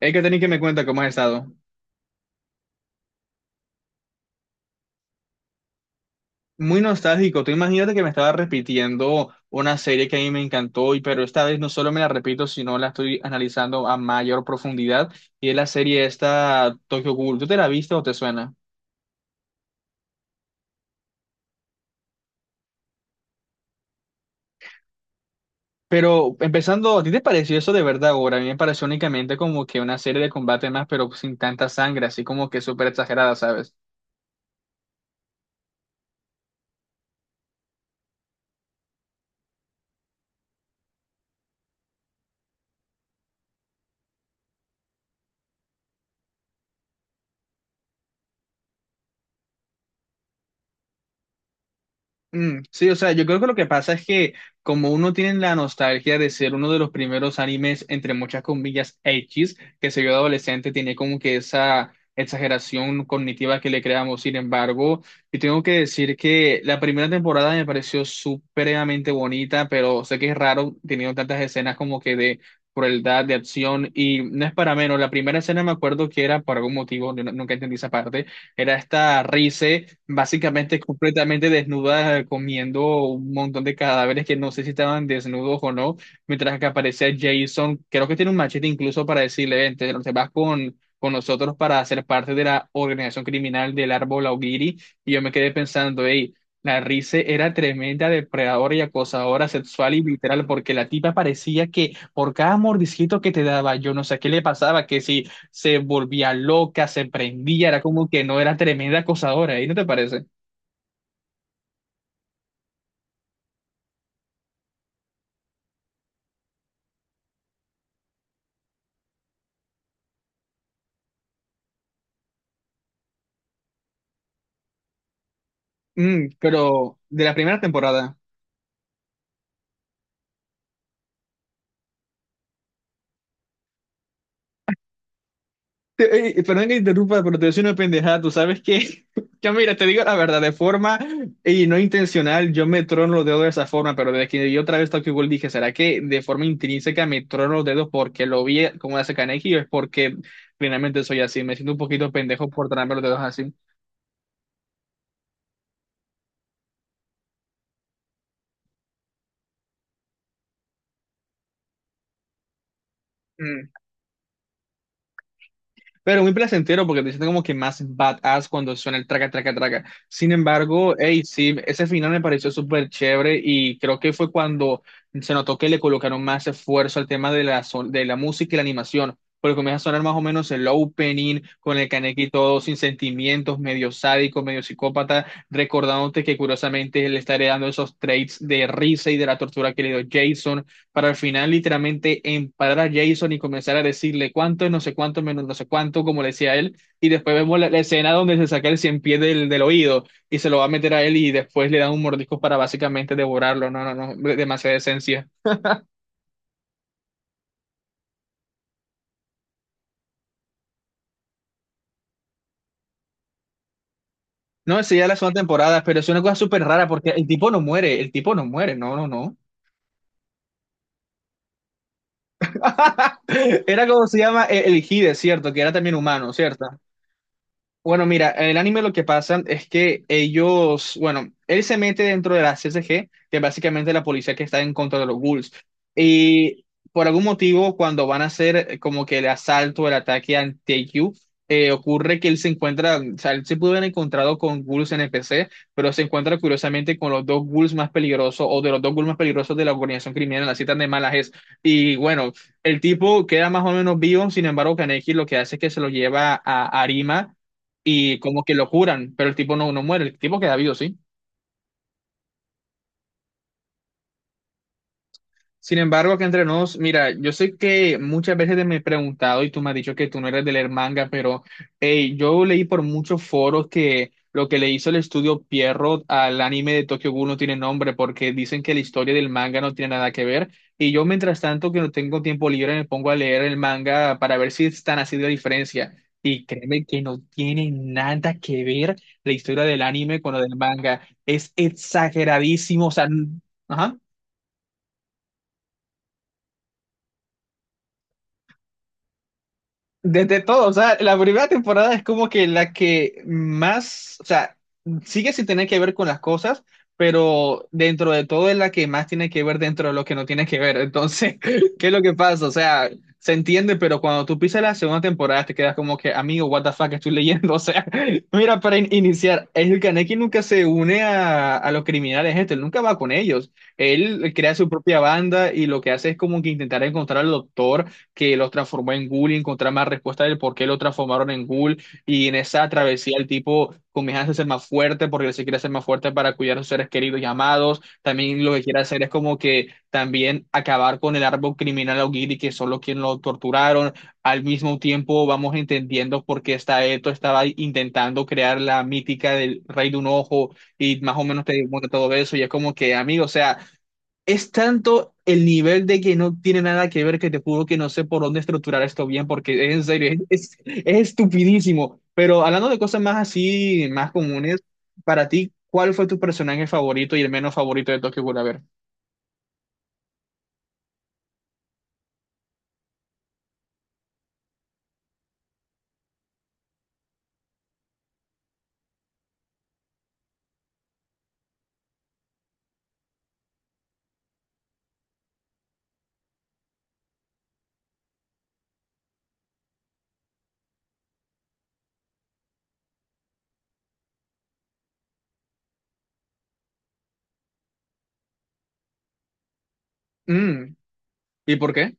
Hay que tener que me cuenta cómo has estado. Muy nostálgico. Tú imagínate que me estaba repitiendo una serie que a mí me encantó, y pero esta vez no solo me la repito, sino la estoy analizando a mayor profundidad. Y es la serie esta Tokyo Ghoul. ¿Tú te la viste o te suena? Pero empezando, ¿a ti te pareció eso de verdad ahora? A mí me pareció únicamente como que una serie de combate más, pero sin tanta sangre, así como que súper exagerada, ¿sabes? Mm, sí, o sea, yo creo que lo que pasa es que como uno tiene la nostalgia de ser uno de los primeros animes, entre muchas comillas, X, que se vio adolescente, tiene como que esa exageración cognitiva que le creamos. Sin embargo, y tengo que decir que la primera temporada me pareció supremamente bonita, pero sé que es raro teniendo tantas escenas como que de crueldad, de acción, y no es para menos. La primera escena me acuerdo que era, por algún motivo, yo no- nunca entendí esa parte, era esta risa básicamente completamente desnuda comiendo un montón de cadáveres que no sé si estaban desnudos o no, mientras que aparece Jason, creo que tiene un machete incluso para decirle, "Ven, te vas con nosotros para ser parte de la organización criminal del árbol Augiri, y yo me quedé pensando, hey, la Rize era tremenda depredadora y acosadora sexual y literal, porque la tipa parecía que por cada mordisquito que te daba, yo no sé qué le pasaba, que si se volvía loca, se prendía, era como que no era tremenda acosadora, ¿y no te parece? Mm, pero de la primera temporada. Perdón que interrumpa, pero te decía una pendejada, tú sabes que, yo mira, te digo la verdad, de forma y no intencional, yo me trono los dedos de esa forma, pero desde que yo otra vez Tokyo Ghoul dije, ¿será que de forma intrínseca me trono los dedos porque lo vi como hace Kaneki o es porque plenamente soy así? Me siento un poquito pendejo por tronarme los dedos así. Pero muy placentero porque te sientes como que más badass cuando suena el traca, traca, traca. Sin embargo, hey, sí, ese final me pareció súper chévere y creo que fue cuando se notó que le colocaron más esfuerzo al tema de de la música y la animación. Porque comienza a sonar más o menos el opening con el Kaneki todo sin sentimientos, medio sádico, medio psicópata, recordándote que curiosamente le estaré dando esos traits de risa y de la tortura que le dio Jason para al final literalmente emparar a Jason y comenzar a decirle cuánto, es no sé cuánto, menos no sé cuánto, como le decía él, y después vemos la escena donde se saca el cien pies del oído y se lo va a meter a él y después le dan un mordisco para básicamente devorarlo, no, no, no, demasiada esencia. No, esa ya es la segunda temporada, pero es una cosa súper rara porque el tipo no muere, el tipo no muere, no, no, no. Era como se llama el Hide, ¿cierto? Que era también humano, ¿cierto? Bueno, mira, en el anime lo que pasa es que ellos, bueno, él se mete dentro de la CSG, que es básicamente la policía que está en contra de los ghouls. Y por algún motivo, cuando van a hacer como que el asalto, el ataque a Taekyu, ocurre que él se encuentra, o sea, él se pudo haber encontrado con ghouls NPC, pero se encuentra curiosamente con los dos ghouls más peligrosos, o de los dos ghouls más peligrosos de la organización criminal, la citan de malas es. Y bueno, el tipo queda más o menos vivo, sin embargo, Kaneki lo que hace es que se lo lleva a Arima y como que lo curan, pero el tipo no, no muere, el tipo queda vivo, ¿sí? Sin embargo, acá entre nos, mira, yo sé que muchas veces te me he preguntado y tú me has dicho que tú no eres de leer manga, pero hey, yo leí por muchos foros que lo que le hizo el estudio Pierrot al anime de Tokyo Ghoul no tiene nombre porque dicen que la historia del manga no tiene nada que ver. Y yo, mientras tanto, que no tengo tiempo libre, me pongo a leer el manga para ver si es tan así de la diferencia. Y créeme que no tiene nada que ver la historia del anime con la del manga. Es exageradísimo, o sea, n- ajá. Desde todo, o sea, la primera temporada es como que la que más, o sea, sigue sin tener que ver con las cosas, pero dentro de todo es la que más tiene que ver dentro de lo que no tiene que ver. Entonces, ¿qué es lo que pasa? O sea, se entiende, pero cuando tú pisas la segunda temporada te quedas como que, amigo, what the fuck estoy leyendo. O sea, mira, para iniciar, el Kaneki nunca se une a los criminales, este, él nunca va con ellos. Él crea su propia banda y lo que hace es como que intentar encontrar al doctor que los transformó en ghoul y encontrar más respuestas del por qué lo transformaron en ghoul. Y en esa travesía el tipo comienza a ser más fuerte porque él se quiere hacer más fuerte para cuidar a sus seres queridos y amados. También lo que quiere hacer es como que también acabar con el árbol criminal Augiri, que son los quienes lo torturaron. Al mismo tiempo vamos entendiendo por qué está esto, estaba intentando crear la mítica del rey de un ojo y más o menos te muestra todo eso y es como que, amigo, o sea, es tanto el nivel de que no tiene nada que ver que te juro que no sé por dónde estructurar esto bien, porque en serio, es estupidísimo. Pero hablando de cosas más así, más comunes, para ti, ¿cuál fue tu personaje favorito y el menos favorito de Tokyo Ghoul? A ver. Mm, ¿y por qué?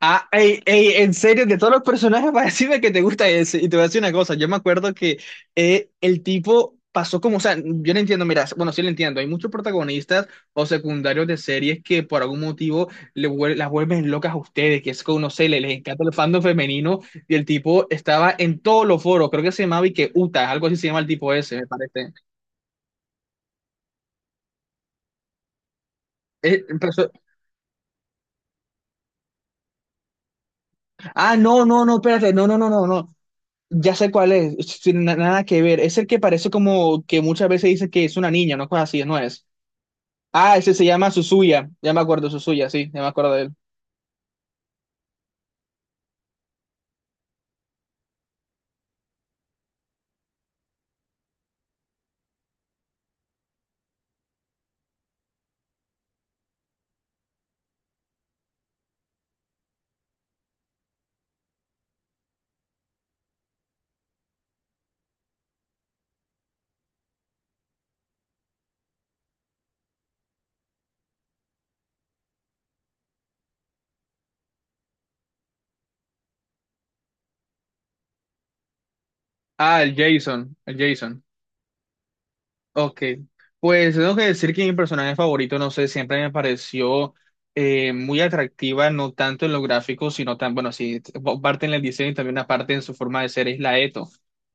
Ah, ey, ey, en serio, de todos los personajes, para decirme que te gusta ese. Y te voy a decir una cosa, yo me acuerdo que el tipo pasó como, o sea, yo no entiendo, mira, bueno, sí lo entiendo, hay muchos protagonistas o secundarios de series que por algún motivo las vuelven locas a ustedes, que es como, no sé, les, encanta el fandom femenino y el tipo estaba en todos los foros, creo que se llamaba y que Uta, algo así se llama el tipo ese, me parece. Eh, empezó- ah, no, no, no, espérate, no, no, no, no, no. Ya sé cuál es, sin nada que ver. Es el que parece como que muchas veces dice que es una niña, no cosas así, no es. Ah, ese se llama Suzuya. Ya me acuerdo, Suzuya, sí, ya me acuerdo de él. Ah, el Jason, el Jason. Ok. Pues tengo que decir que mi personaje favorito, no sé, siempre me pareció muy atractiva, no tanto en lo gráfico, sino tan, bueno, sí, parte en el diseño y también una parte en su forma de ser, es la Eto.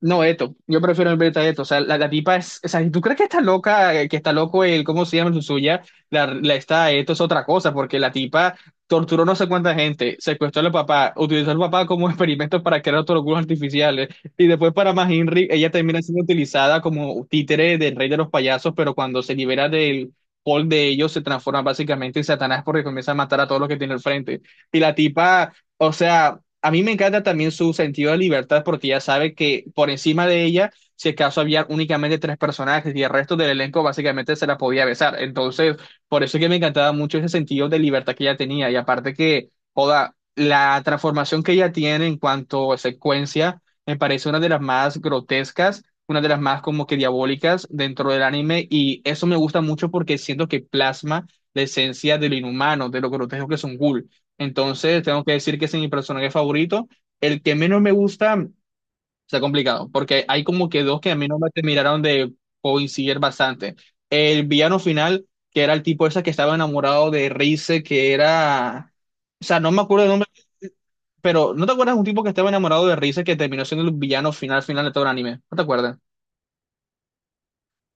No, Eto. Yo prefiero el a Eto. O sea, la tipa es. O sea, si tú crees que está loca, que está loco el, ¿cómo se llama el suya? La está Eto es otra cosa, porque la tipa torturó no sé cuánta gente, secuestró al papá, utilizó al papá como experimento para crear otros culos artificiales. Y después, para más Henry, ella termina siendo utilizada como títere del rey de los payasos, pero cuando se libera del hall de ellos, se transforma básicamente en Satanás porque comienza a matar a todos los que tiene al frente. Y la tipa. O sea, a mí me encanta también su sentido de libertad porque ya sabe que por encima de ella, si acaso había únicamente tres personajes y el resto del elenco básicamente se la podía besar. Entonces, por eso es que me encantaba mucho ese sentido de libertad que ella tenía. Y aparte que, joda, la transformación que ella tiene en cuanto a secuencia me parece una de las más grotescas, una de las más como que diabólicas dentro del anime. Y eso me gusta mucho porque siento que plasma la esencia de lo inhumano, de lo grotesco que son Ghoul. Entonces, tengo que decir que ese es mi personaje favorito. El que menos me gusta está complicado, porque hay como que dos que a mí no me terminaron de coincidir bastante. El villano final, que era el tipo ese que estaba enamorado de Rize, que era... O sea, no me acuerdo el nombre, pero ¿no te acuerdas de un tipo que estaba enamorado de Rize que terminó siendo el villano final final de todo el anime? ¿No te acuerdas?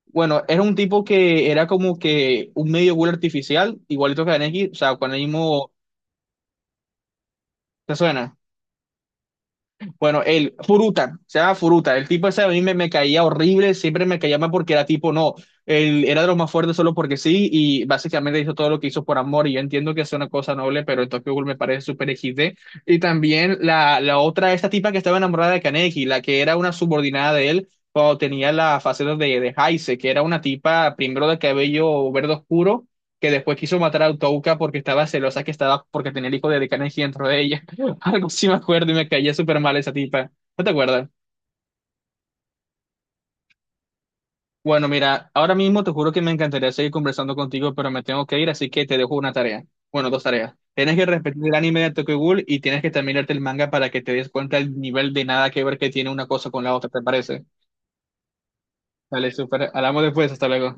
Bueno, era un tipo que era como que un medio ghoul artificial, igualito que Kaneki, o sea, con el mismo... ¿Te suena? Bueno, él, Furuta, se llama Furuta. El tipo ese a mí me caía horrible, siempre me caía mal porque era tipo, no, él era de los más fuertes solo porque sí y básicamente hizo todo lo que hizo por amor y yo entiendo que es una cosa noble, pero el Tokyo Ghoul me parece súper XD. Y también la otra, esta tipa que estaba enamorada de Kaneki, la que era una subordinada de él cuando tenía la faceta de Heise, que era una tipa primero de cabello verde oscuro que después quiso matar a Utouka porque estaba celosa que estaba porque tenía el hijo de Kaneki dentro de ella. Algo sí me acuerdo y me caía súper mal esa tipa. ¿No te acuerdas? Bueno, mira, ahora mismo te juro que me encantaría seguir conversando contigo, pero me tengo que ir, así que te dejo una tarea. Bueno, dos tareas. Tienes que repetir el anime de Tokyo Ghoul y tienes que también leerte el manga para que te des cuenta el nivel de nada que ver que tiene una cosa con la otra, ¿te parece? Dale, súper. Hablamos después, hasta luego.